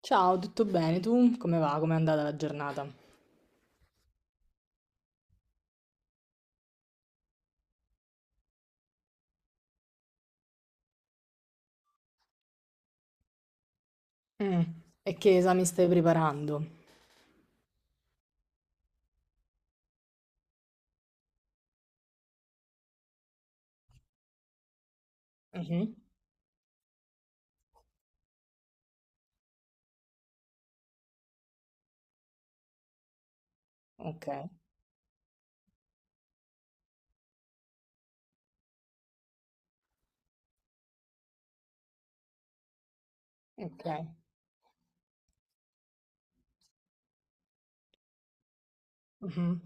Ciao, tutto bene? Tu come va? Com'è andata la giornata? Mm. E che esami stai preparando? Mhm. Ok, ok. Mhm.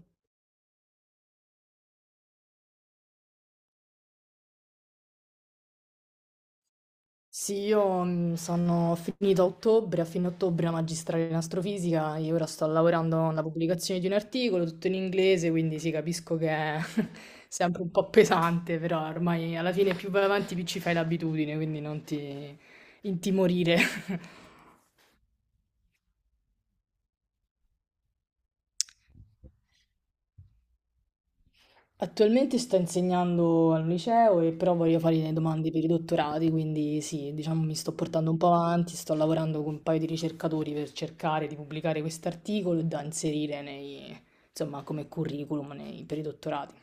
Sì, io sono finita a ottobre, a fine ottobre la magistrale in astrofisica e ora sto lavorando alla pubblicazione di un articolo, tutto in inglese, quindi sì, capisco che è sempre un po' pesante, però ormai alla fine più vai avanti più ci fai l'abitudine, quindi non ti intimorire. Attualmente sto insegnando al liceo e però voglio fare le domande per i dottorati, quindi sì, diciamo mi sto portando un po' avanti, sto lavorando con un paio di ricercatori per cercare di pubblicare quest'articolo e da inserire nei, insomma, come curriculum nei- per i dottorati.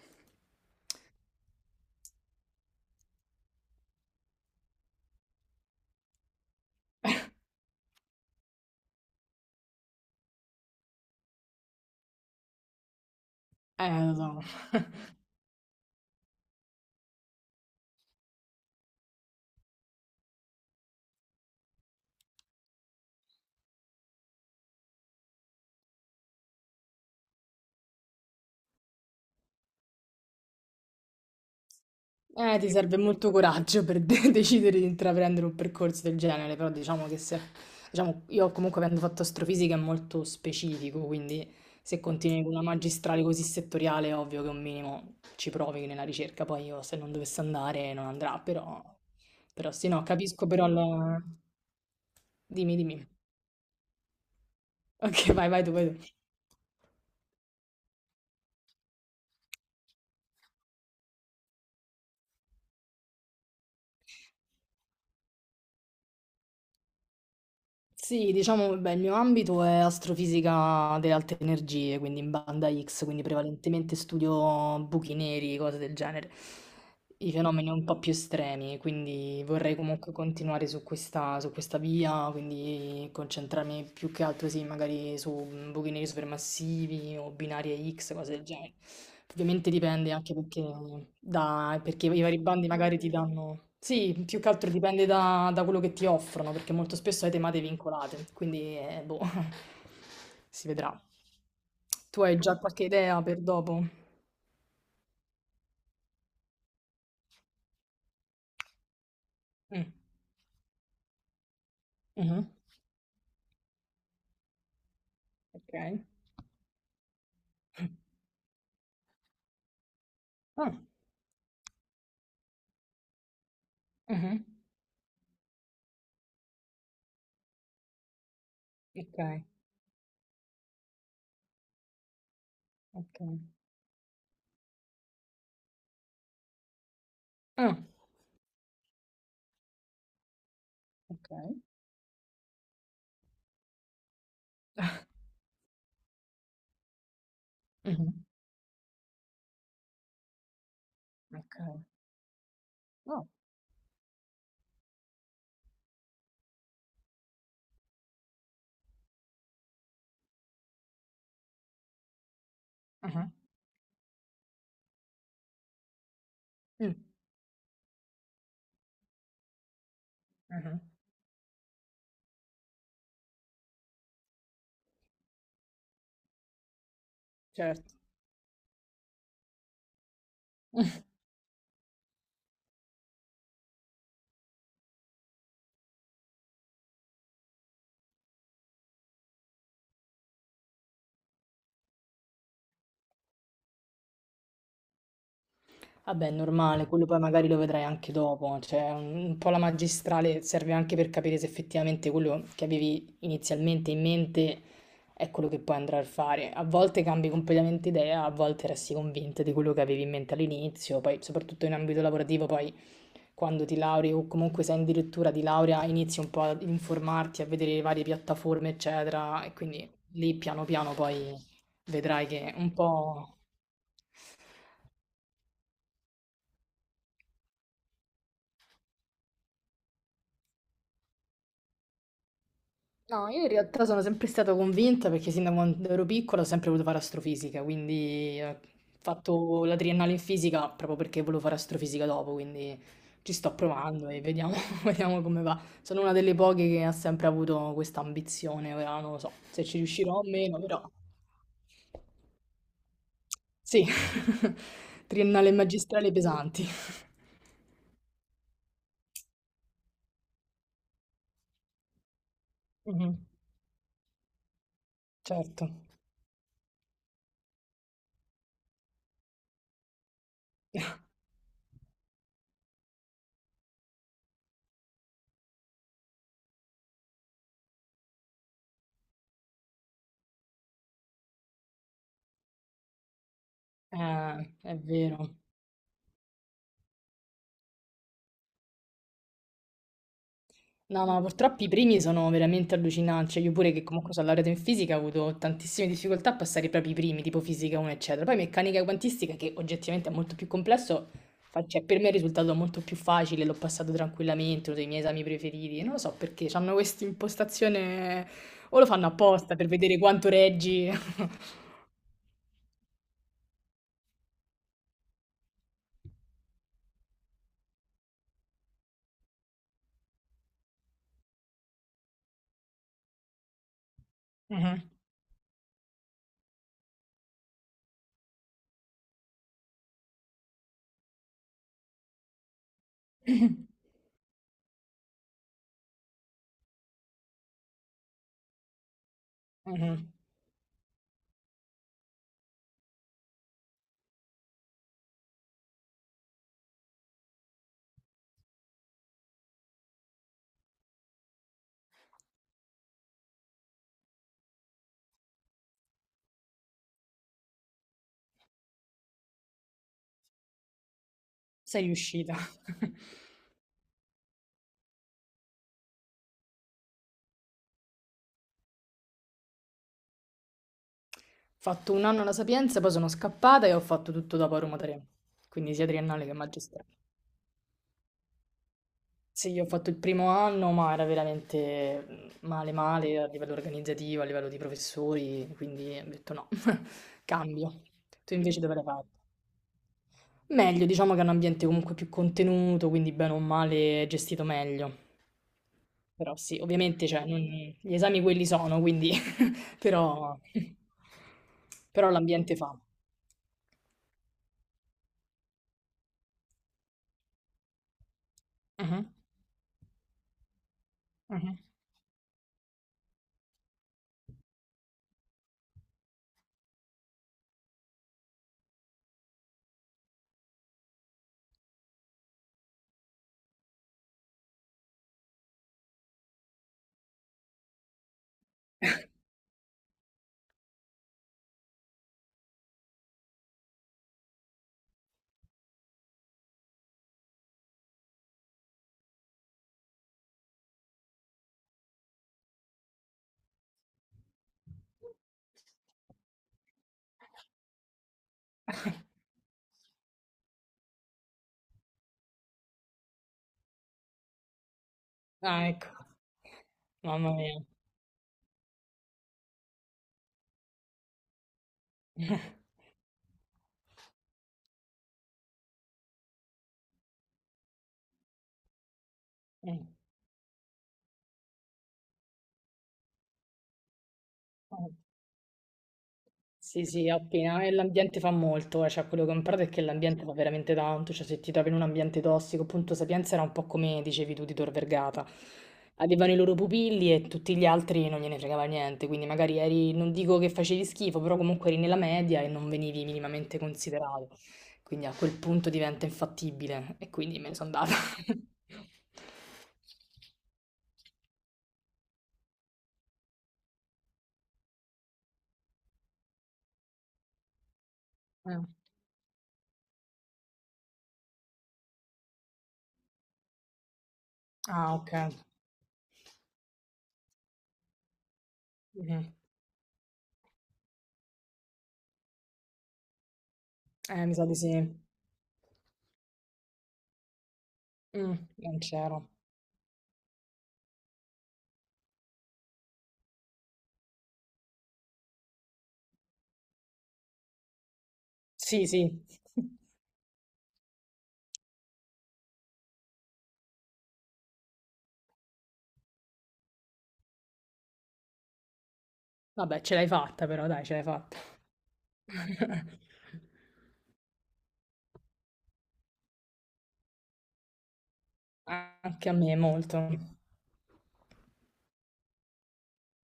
Lo so. Ti serve molto coraggio per de- decidere di intraprendere un percorso del genere, però diciamo che se, diciamo, io comunque avendo fatto astrofisica è molto specifico, quindi se continui con una magistrale così settoriale è ovvio che un minimo ci provi nella ricerca, poi io se non dovesse andare non andrà, però, però sì, no, capisco però la... Dimmi, dimmi. Ok, vai, vai tu, vai tu. Sì, diciamo, beh, il mio ambito è astrofisica delle alte energie, quindi in banda X, quindi prevalentemente studio buchi neri, cose del genere, i fenomeni un po' più estremi, quindi vorrei comunque continuare su questa via, quindi concentrarmi più che altro, sì, magari su buchi neri supermassivi o binarie X, cose del genere. Ovviamente dipende anche perché da perché i vari bandi magari ti danno sì, più che altro dipende da, da quello che ti offrono, perché molto spesso hai temate vincolate, quindi boh, si vedrà. Tu hai già qualche idea per dopo? Mm. Mhm. Ok. Ah, mhm. Ok, ok. Ah, ok. Mhm. Ok. Oh, mhm, mm, mhm. Certo. Vabbè, è normale, quello poi magari lo vedrai anche dopo, cioè un po' la magistrale serve anche per capire se effettivamente quello che avevi inizialmente in mente è quello che poi andrai a fare. A volte cambi completamente idea, a volte resti convinta di quello che avevi in mente all'inizio, poi soprattutto in ambito lavorativo, poi quando ti lauri o comunque sei addirittura di laurea inizi un po' ad informarti, a vedere le varie piattaforme, eccetera, e quindi lì piano piano poi vedrai che un po'... No, io in realtà sono sempre stata convinta perché sin da quando ero piccola ho sempre voluto fare astrofisica, quindi ho fatto la triennale in fisica proprio perché volevo fare astrofisica dopo, quindi ci sto provando e vediamo, vediamo come va. Sono una delle poche che ha sempre avuto questa ambizione, ora non lo so se ci riuscirò o meno, però sì, triennale e magistrale pesanti. Mhm, certo. È vero. No, ma purtroppo i primi sono veramente allucinanti. Cioè, io pure che comunque sono laureata in fisica ho avuto tantissime difficoltà a passare proprio i primi, tipo fisica 1, eccetera. Poi meccanica quantistica, che oggettivamente è molto più complesso, fa- cioè, per me è risultato molto più facile, l'ho passato tranquillamente, uno dei miei esami preferiti. Non lo so perché, hanno questa impostazione, o lo fanno apposta per vedere quanto reggi. Mhm. Mhm. Sei riuscita. Ho fatto un anno alla Sapienza, poi sono scappata e ho fatto tutto dopo a Roma 3, quindi sia triennale che magistrale. Sì, io ho fatto il primo anno, ma era veramente male male a livello organizzativo, a livello di professori, quindi ho detto no, cambio. Tu invece dove l'hai fatto? Meglio, diciamo che è un ambiente comunque più contenuto, quindi bene o male è gestito meglio. Però sì, ovviamente cioè, non- gli esami quelli sono, quindi però, però l'ambiente fa. Mhm, mhm. Ah, ecco. Mamma mia. Mm. Sì, sì, appena. E l'ambiente fa molto, cioè quello che ho imparato è che l'ambiente fa veramente tanto, cioè se ti trovi in un ambiente tossico, appunto Sapienza era un po' come dicevi tu di Tor Vergata, avevano i loro pupilli e tutti gli altri non gliene fregava niente, quindi magari eri, non dico che facevi schifo, però comunque eri nella media e non venivi minimamente considerato, quindi a quel punto diventa infattibile e quindi me ne sono andata. Eh. Ah, ok. Mhm. Mi sa di sì. Mm, non c'ero. Sì, sì. Vabbè, ce l'hai fatta però, dai, ce l'hai fatta. Anche a me molto.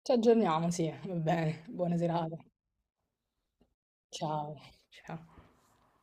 Ci aggiorniamo, sì, va bene. Buona serata. Ciao. Ciao.